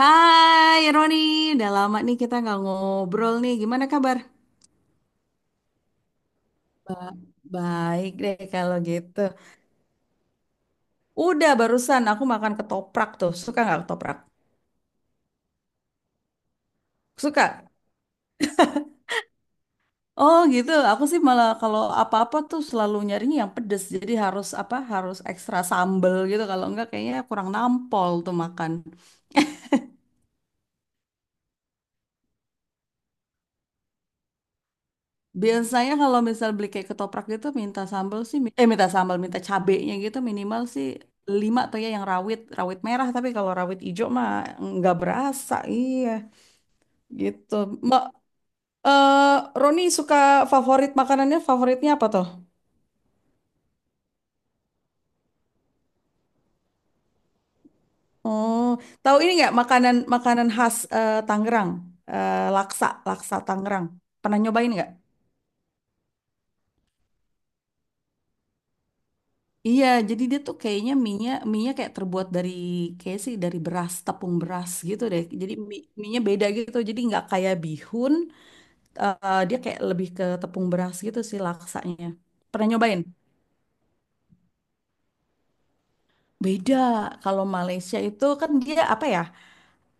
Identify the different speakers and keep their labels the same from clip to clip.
Speaker 1: Hai Roni, udah lama nih kita nggak ngobrol nih. Gimana kabar? Ba- Baik deh kalau gitu. Udah barusan aku makan ketoprak tuh. Suka nggak ketoprak? Suka. Oh gitu. Aku sih malah kalau apa-apa tuh selalu nyarinya yang pedes. Jadi harus apa? Harus ekstra sambel gitu. Kalau enggak kayaknya kurang nampol tuh makan. Biasanya kalau misal beli kayak ketoprak gitu minta sambal sih minta sambal minta cabenya gitu minimal sih lima tuh ya yang rawit rawit merah, tapi kalau rawit hijau mah nggak berasa iya gitu. Mbak eh Roni suka favorit makanannya favoritnya apa tuh? Oh tahu ini nggak makanan makanan khas Tangerang. Eh, laksa laksa Tangerang pernah nyobain nggak? Iya, jadi dia tuh kayaknya mie-nya kayak terbuat dari kayak sih dari beras tepung beras gitu deh. Jadi mie-nya beda gitu. Jadi nggak kayak bihun, dia kayak lebih ke tepung beras gitu sih laksanya. Pernah nyobain? Beda. Kalau Malaysia itu kan dia apa ya?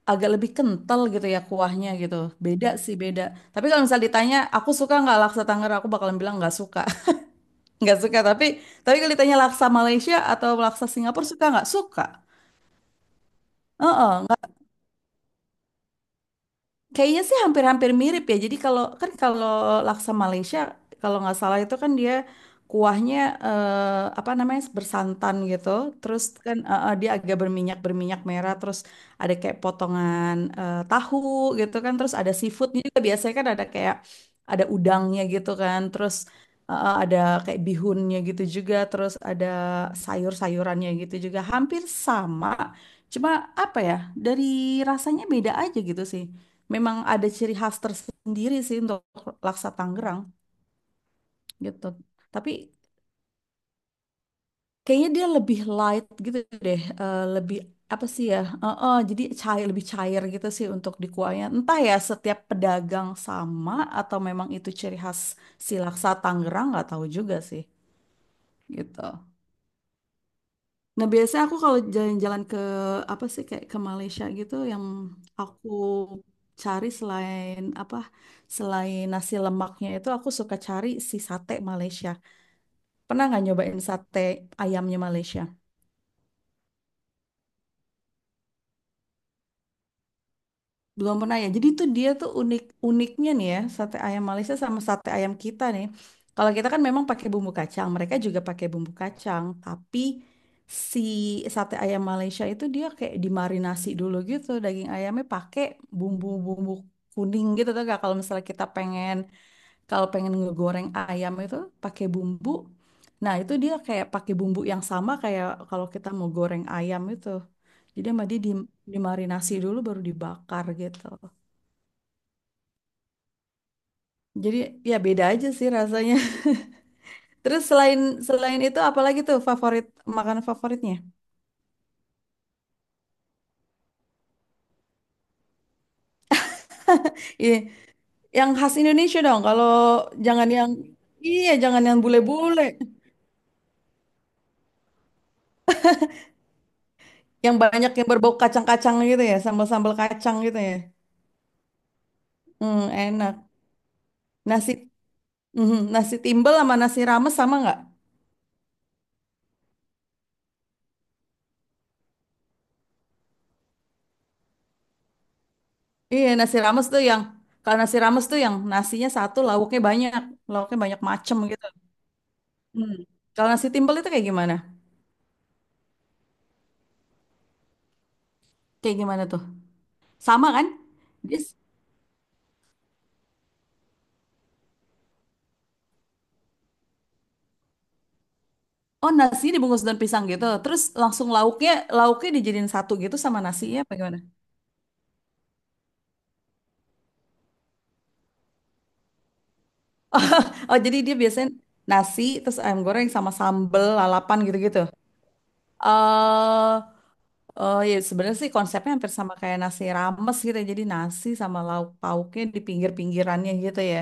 Speaker 1: Agak lebih kental gitu ya kuahnya gitu. Beda sih beda. Tapi kalau misal ditanya aku suka nggak laksa Tangerang, aku bakalan bilang nggak suka. Nggak suka. Tapi kalau ditanya laksa Malaysia atau laksa Singapura suka nggak? Suka. Kayaknya sih hampir-hampir mirip ya. Jadi kalau kan kalau laksa Malaysia kalau nggak salah itu kan dia kuahnya apa namanya bersantan gitu. Terus kan dia agak berminyak berminyak merah. Terus ada kayak potongan tahu gitu kan. Terus ada seafoodnya juga biasanya kan ada kayak ada udangnya gitu kan. Terus ada kayak bihunnya gitu juga. Terus ada sayur-sayurannya gitu juga. Hampir sama. Cuma apa ya dari rasanya beda aja gitu sih, memang ada ciri khas tersendiri sih untuk laksa Tangerang gitu. Tapi kayaknya dia lebih light gitu deh, lebih apa sih ya? Jadi cair lebih cair gitu sih untuk di kuahnya. Entah ya setiap pedagang sama atau memang itu ciri khas si laksa Tangerang nggak tahu juga sih gitu. Nah, biasanya aku kalau jalan-jalan ke apa sih kayak ke Malaysia gitu yang aku cari selain apa selain nasi lemaknya itu aku suka cari si sate Malaysia. Pernah nggak nyobain sate ayamnya Malaysia? Belum pernah ya. Jadi tuh dia tuh unik uniknya nih ya sate ayam Malaysia sama sate ayam kita nih. Kalau kita kan memang pakai bumbu kacang, mereka juga pakai bumbu kacang, tapi si sate ayam Malaysia itu dia kayak dimarinasi dulu gitu daging ayamnya pakai bumbu-bumbu kuning gitu tuh gak kalau misalnya kita pengen kalau pengen ngegoreng ayam itu pakai bumbu. Nah, itu dia kayak pakai bumbu yang sama kayak kalau kita mau goreng ayam itu. Jadi sama dia dimarinasi dulu baru dibakar gitu. Jadi ya beda aja sih rasanya. Terus selain selain itu apalagi tuh favorit makanan favoritnya? Iya, yang khas Indonesia dong. Kalau jangan yang iya, jangan yang bule-bule. Yang banyak yang berbau kacang-kacang gitu ya, sambal-sambal kacang gitu ya. Hmm, enak. Nasi. Mhm, nasi timbel sama nasi rames sama nggak? Iya, nasi rames tuh yang kalau nasi rames tuh yang nasinya satu, lauknya banyak macem gitu. Hmm. Kalau nasi timbel itu kayak gimana? Kayak gimana tuh? Sama kan? Dia, s- oh nasi dibungkus daun pisang gitu. Terus langsung lauknya lauknya dijadiin satu gitu sama nasinya apa gimana? Oh, jadi dia biasanya nasi terus ayam goreng sama sambel lalapan gitu-gitu. Eh Oh ya sebenarnya sih konsepnya hampir sama kayak nasi rames gitu ya. Jadi nasi sama lauk pauknya di pinggir-pinggirannya gitu ya.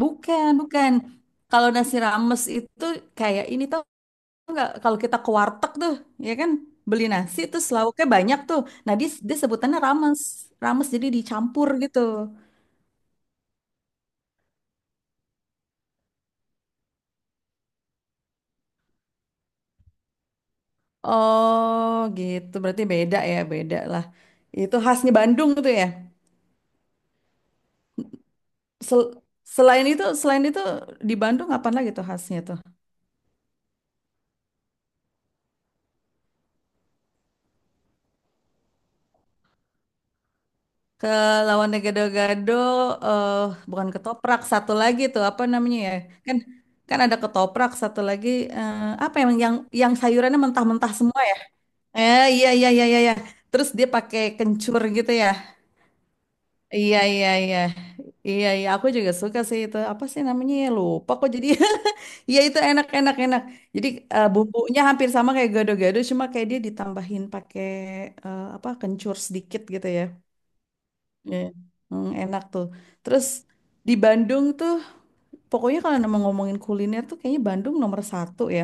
Speaker 1: Bukan, bukan. Kalau nasi rames itu kayak ini tau nggak? Kalau kita ke warteg tuh, ya kan beli nasi terus lauknya banyak tuh. Nah dia, dia sebutannya rames, rames jadi dicampur gitu. Oh gitu, berarti beda ya, beda lah. Itu khasnya Bandung tuh ya. Sel- Selain itu, selain itu di Bandung apa lagi tuh khasnya tuh? Ke lawan gado-gado eh bukan ketoprak satu lagi tuh apa namanya ya? Kan kan ada ketoprak satu lagi eh, apa yang sayurannya mentah-mentah semua ya? Eh iya iya iya iya iya. Terus dia pakai kencur gitu ya. Iya iya iya. Iya iya aku juga suka sih itu. Apa sih namanya ya? Lupa kok jadi. Iya itu enak enak enak. Jadi bumbunya hampir sama kayak gado-gado cuma kayak dia ditambahin pakai apa kencur sedikit gitu ya. Iya. Hmm, enak tuh. Terus di Bandung tuh, pokoknya kalau nama ngomongin kuliner tuh kayaknya Bandung nomor satu ya.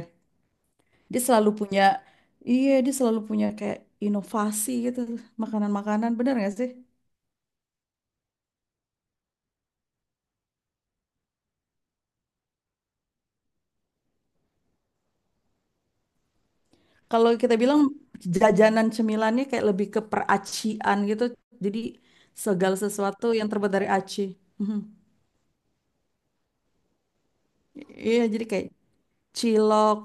Speaker 1: Dia selalu punya, iya dia selalu punya kayak inovasi gitu, makanan-makanan, bener gak sih? Kalau kita bilang jajanan cemilannya kayak lebih ke peracian gitu, jadi segala sesuatu yang terbuat dari aci. Hmm. Iya, jadi kayak cilok,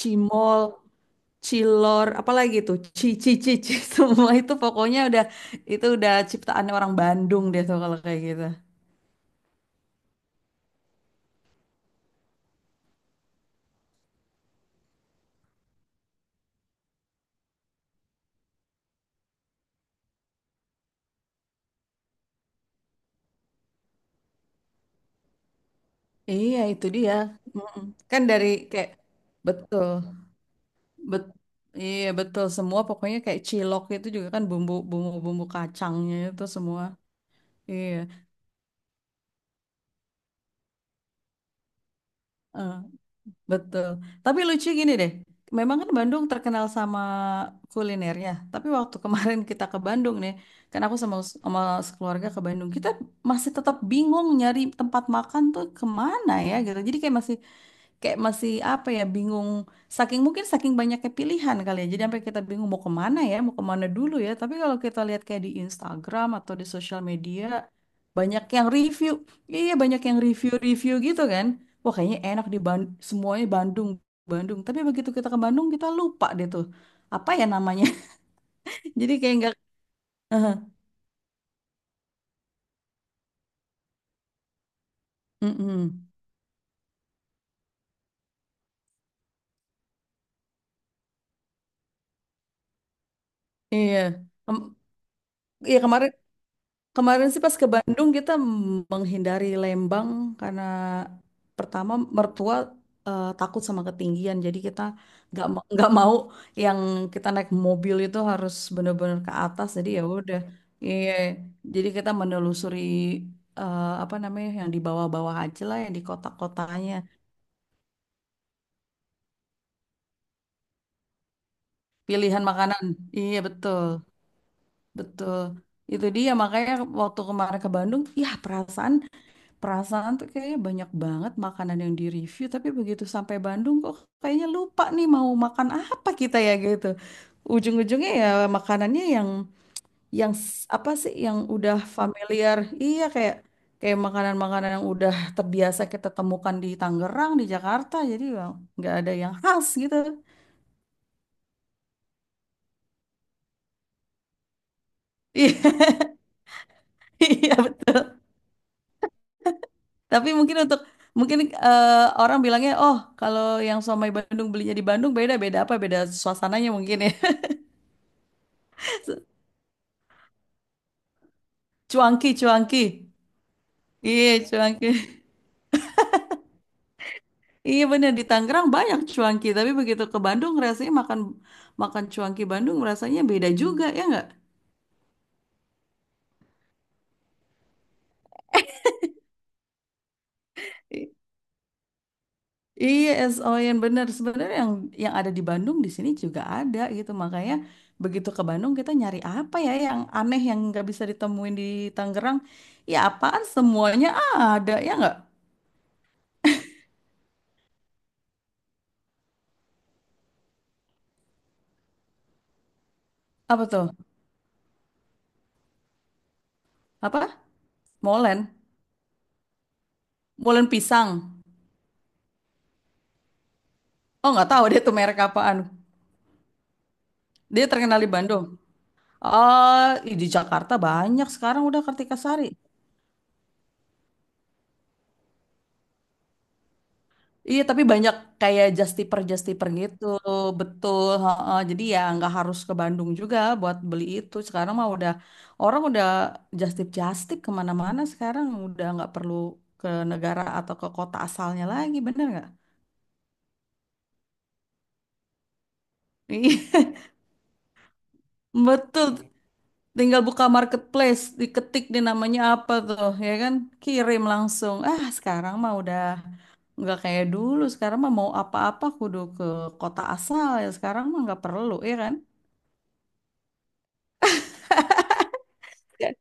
Speaker 1: cimol, cilor, apalagi tuh, cici, cici, semua itu pokoknya udah itu udah ciptaannya orang Bandung deh tuh kalau kayak gitu. Iya, itu dia. Mm-mm. Kan dari kayak betul, bet, iya betul semua pokoknya kayak cilok itu juga kan bumbu bumbu bumbu kacangnya itu semua. Iya. Eh. Betul. Tapi lucu gini deh. Memang kan Bandung terkenal sama kulinernya. Tapi waktu kemarin kita ke Bandung nih, kan aku sama sama sekeluarga ke Bandung, kita masih tetap bingung nyari tempat makan tuh kemana ya gitu. Jadi kayak masih apa ya bingung saking mungkin saking banyaknya pilihan kali ya jadi sampai kita bingung mau kemana ya mau kemana dulu ya, tapi kalau kita lihat kayak di Instagram atau di sosial media banyak yang review iya banyak yang review-review gitu kan wah kayaknya enak di Bandung semuanya Bandung Bandung tapi begitu kita ke Bandung kita lupa deh tuh apa ya namanya jadi kayak nggak Mm-mm. Iya. Em, iya kemarin. Kemarin sih pas ke Bandung kita menghindari Lembang karena pertama mertua takut sama ketinggian jadi kita nggak mau yang kita naik mobil itu harus bener-bener ke atas jadi ya udah iya jadi kita menelusuri apa namanya yang di bawah-bawah aja lah yang di kota-kotanya pilihan makanan iya betul betul itu dia makanya waktu kemarin ke Bandung ya perasaan. Perasaan tuh kayaknya banyak banget makanan yang direview, tapi begitu sampai Bandung kok kayaknya lupa nih mau makan apa kita ya gitu. Ujung-ujungnya ya makanannya yang apa sih yang udah familiar. Iya kayak kayak makanan-makanan yang udah terbiasa kita temukan di Tangerang, di Jakarta. Jadi ya nggak ada yang khas gitu. Iya, iya, bet- tapi mungkin untuk mungkin orang bilangnya, oh kalau yang somai Bandung belinya di Bandung beda beda apa beda suasananya mungkin ya. Cuanki, cuanki. Iya, cuanki. Iya bener di Tangerang banyak cuanki, tapi begitu ke Bandung rasanya makan makan cuanki Bandung rasanya beda juga ya nggak? I- Iya, SOYN bener. Sebenarnya yang ada di Bandung di sini juga ada gitu. Makanya begitu ke Bandung kita nyari apa ya yang aneh yang nggak bisa ditemuin di Tangerang. Ya apaan semuanya ada ya nggak? Apa tuh? Apa? Molen, molen pisang. Oh nggak tahu dia tuh merek apaan. Dia terkenal di Bandung. Ah, ih, di Jakarta banyak sekarang udah Kartika Sari. Iya, tapi banyak kayak justiper justiper gitu, betul. Heeh. Jadi ya nggak harus ke Bandung juga buat beli itu. Sekarang mah udah orang udah just tip kemana-mana. Sekarang udah nggak perlu ke negara atau ke kota asalnya lagi, bener nggak? Iya, betul. Tinggal buka marketplace, diketik di namanya apa tuh, ya kan? Kirim langsung. Ah, sekarang mah udah. Nggak kayak dulu, sekarang mah mau apa-apa kudu ke kota asal ya. Sekarang mah nggak perlu, ya kan? Dan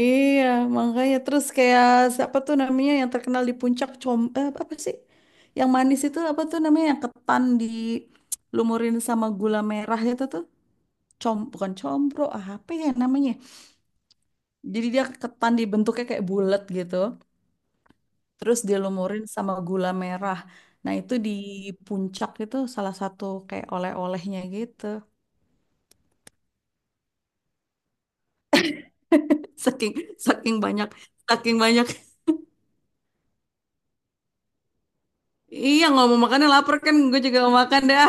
Speaker 1: iya, makanya terus kayak siapa tuh namanya yang terkenal di puncak com apa sih? Yang manis itu apa tuh namanya yang ketan dilumurin sama gula merah itu tuh com bukan combro ah, apa ya namanya? Jadi dia ketan dibentuknya kayak bulat gitu, terus dilumurin sama gula merah. Nah, itu di puncak itu salah satu kayak oleh-olehnya gitu. Saking saking banyak, saking banyak. Iya ngomong makannya lapar kan, gue juga mau makan dah.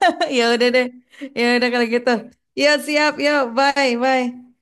Speaker 1: Ya udah deh, ya udah kalau gitu. Ya siap, ya bye, bye.